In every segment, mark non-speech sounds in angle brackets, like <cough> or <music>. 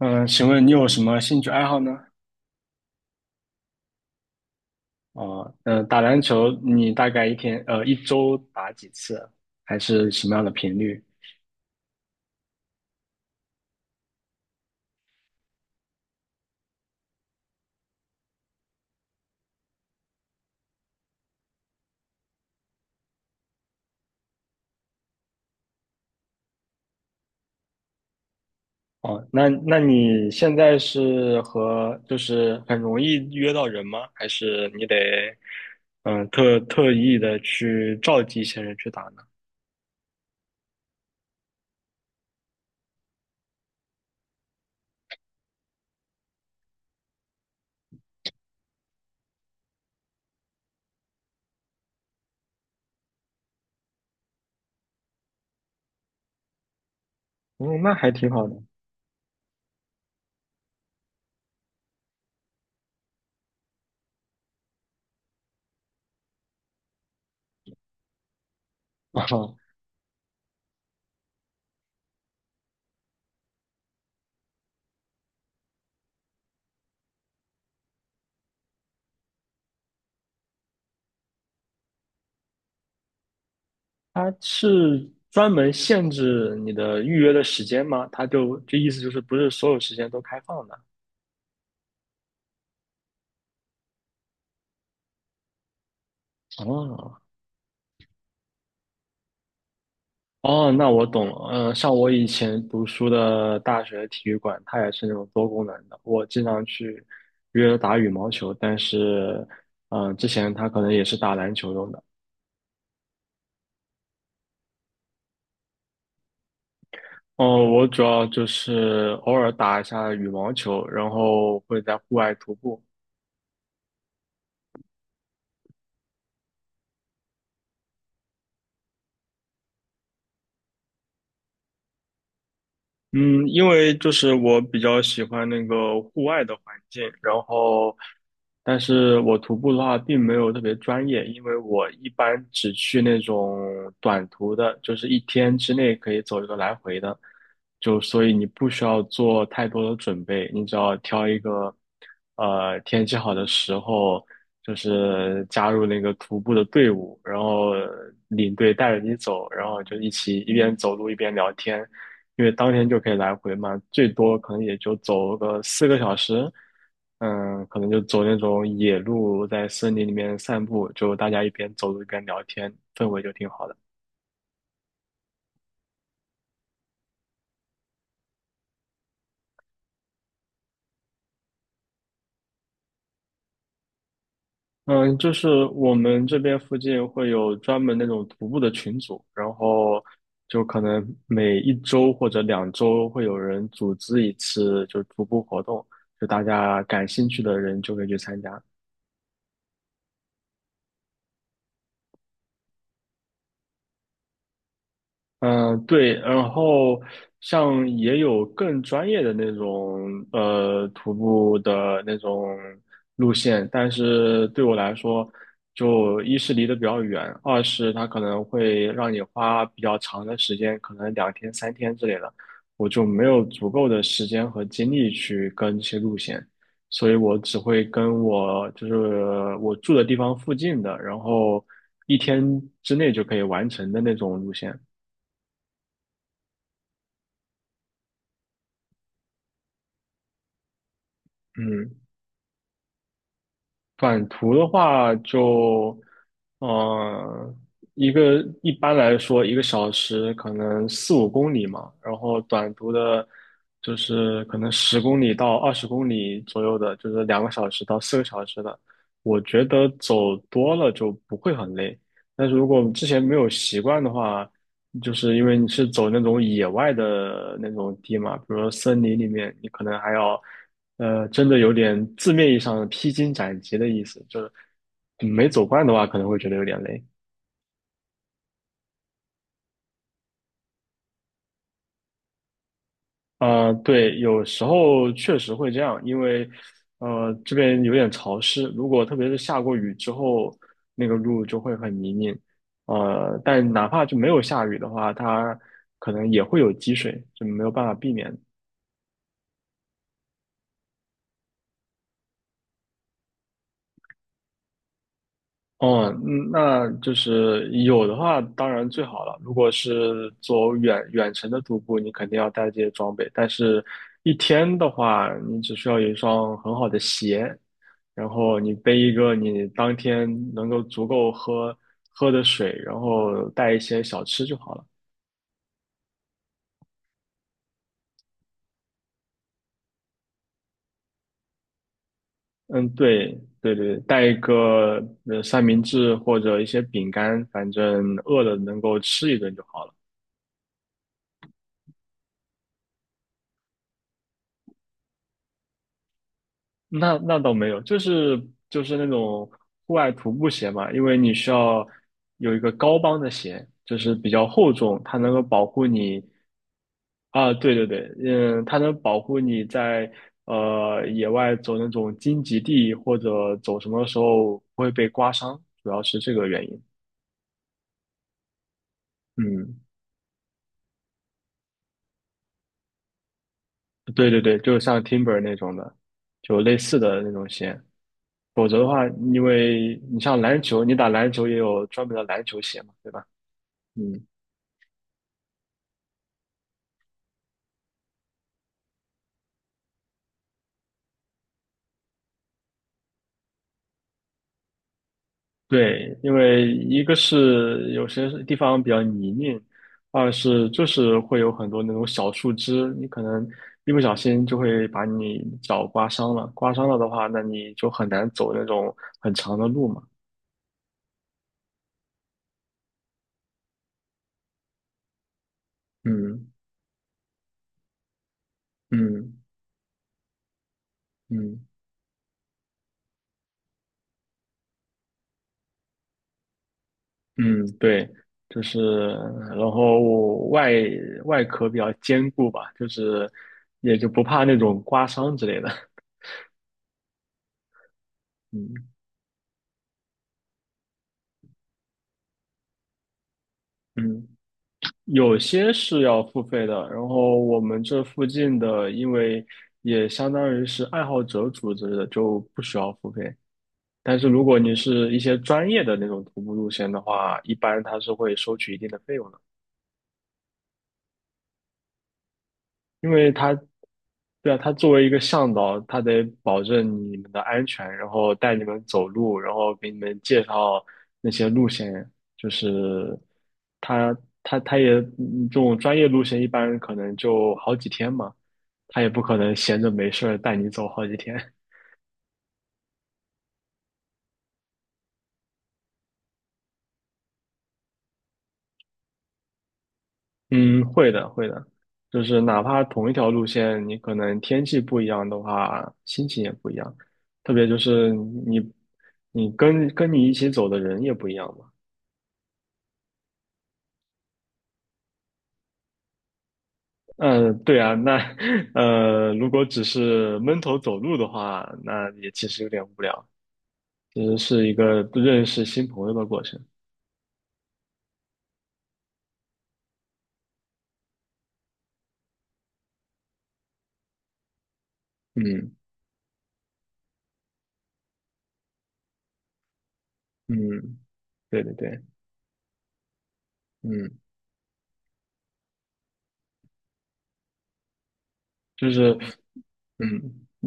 请问你有什么兴趣爱好呢？哦，打篮球，你大概一天，一周打几次？还是什么样的频率？哦，那你现在是和就是很容易约到人吗？还是你得嗯特意的去召集一些人去打呢？嗯，那还挺好的。<laughs> 哦，它是专门限制你的预约的时间吗？它就这意思就是不是所有时间都开放的？哦哦，那我懂了。嗯，像我以前读书的大学体育馆，它也是那种多功能的。我经常去约打羽毛球，但是，之前它可能也是打篮球用的。哦，我主要就是偶尔打一下羽毛球，然后会在户外徒步。嗯，因为就是我比较喜欢那个户外的环境，然后，但是我徒步的话并没有特别专业，因为我一般只去那种短途的，就是一天之内可以走一个来回的，就所以你不需要做太多的准备，你只要挑一个，天气好的时候，就是加入那个徒步的队伍，然后领队带着你走，然后就一起一边走路一边聊天。因为当天就可以来回嘛，最多可能也就走个四个小时，可能就走那种野路，在森林里面散步，就大家一边走路一边聊天，氛围就挺好的。嗯，就是我们这边附近会有专门那种徒步的群组，然后就可能每一周或者两周会有人组织一次，就是徒步活动，就大家感兴趣的人就可以去参加。嗯，对，然后像也有更专业的那种徒步的那种路线，但是对我来说，就一是离得比较远，二是它可能会让你花比较长的时间，可能两天三天之类的，我就没有足够的时间和精力去跟这些路线，所以我只会跟我就是我住的地方附近的，然后一天之内就可以完成的那种路线。嗯，短途的话就，呃，一般来说1个小时可能四五公里嘛，然后短途的，就是可能10公里到20公里左右的，就是2个小时到4个小时的，我觉得走多了就不会很累。但是如果之前没有习惯的话，就是因为你是走那种野外的那种地嘛，比如说森林里面，你可能还要。真的有点字面意义上的披荆斩棘的意思，就是没走惯的话，可能会觉得有点累。对，有时候确实会这样，因为这边有点潮湿，如果特别是下过雨之后，那个路就会很泥泞。但哪怕就没有下雨的话，它可能也会有积水，就没有办法避免。哦，那就是有的话，当然最好了。如果是走远远程的徒步，你肯定要带这些装备。但是，一天的话，你只需要有一双很好的鞋，然后你背一个你当天能够足够喝的水，然后带一些小吃就好了。嗯，对对对，带一个三明治或者一些饼干，反正饿了能够吃一顿就好了。那倒没有，就是那种户外徒步鞋嘛，因为你需要有一个高帮的鞋，就是比较厚重，它能够保护你啊，对对对，嗯，它能保护你在野外走那种荆棘地或者走什么时候不会被刮伤，主要是这个原因。嗯，对对对，就像 Timber 那种的，就类似的那种鞋。否则的话，因为你像篮球，你打篮球也有专门的篮球鞋嘛，对吧？嗯。对，因为一个是有些地方比较泥泞，二是就是会有很多那种小树枝，你可能一不小心就会把你脚刮伤了。刮伤了的话，那你就很难走那种很长的路嘛。嗯嗯嗯嗯，对，就是，然后外壳比较坚固吧，就是也就不怕那种刮伤之类的。<laughs> 嗯嗯。有些是要付费的，然后我们这附近的，因为也相当于是爱好者组织的，就不需要付费。但是如果你是一些专业的那种徒步路线的话，一般他是会收取一定的费用的，因为他，对啊，他作为一个向导，他得保证你们的安全，然后带你们走路，然后给你们介绍那些路线，就是他他也这种专业路线一般可能就好几天嘛。他也不可能闲着没事儿带你走好几天。嗯，会的，会的，就是哪怕同一条路线，你可能天气不一样的话，心情也不一样。特别就是你，你跟你一起走的人也不一样嘛。嗯，对啊，那 <laughs> 如果只是闷头走路的话，那也其实有点无聊，其实是一个认识新朋友的过程。嗯嗯，对对对，嗯，就是嗯。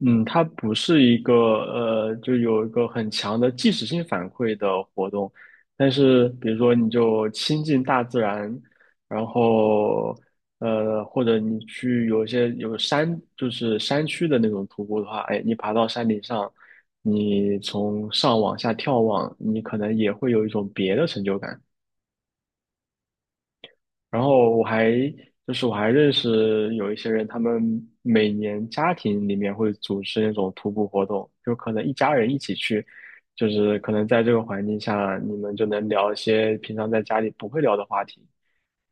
嗯，它不是一个就有一个很强的即时性反馈的活动，但是比如说你就亲近大自然，然后或者你去有一些有山，就是山区的那种徒步的话，哎，你爬到山顶上，你从上往下眺望，你可能也会有一种别的成就感。然后我还认识有一些人，他们每年家庭里面会组织那种徒步活动，就可能一家人一起去，就是可能在这个环境下，你们就能聊一些平常在家里不会聊的话题，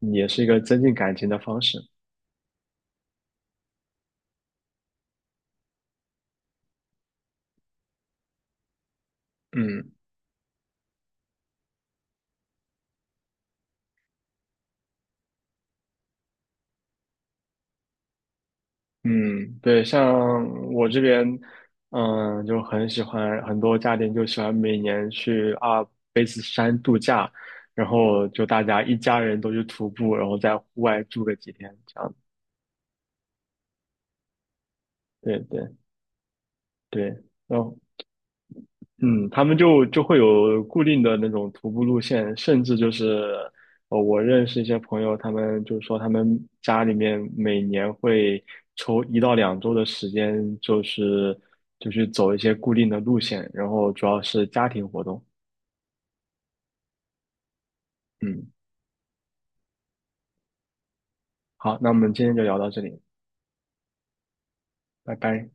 也是一个增进感情的方式。嗯。嗯，对，像我这边，就很喜欢，很多家庭就喜欢每年去阿尔卑斯山度假，然后就大家一家人都去徒步，然后在户外住个几天，这样。对对对，然后嗯，他们就会有固定的那种徒步路线，甚至就是，我认识一些朋友，他们就说他们家里面每年会抽1到2周的时间，就是走一些固定的路线，然后主要是家庭活动。嗯，好，那我们今天就聊到这里，拜拜。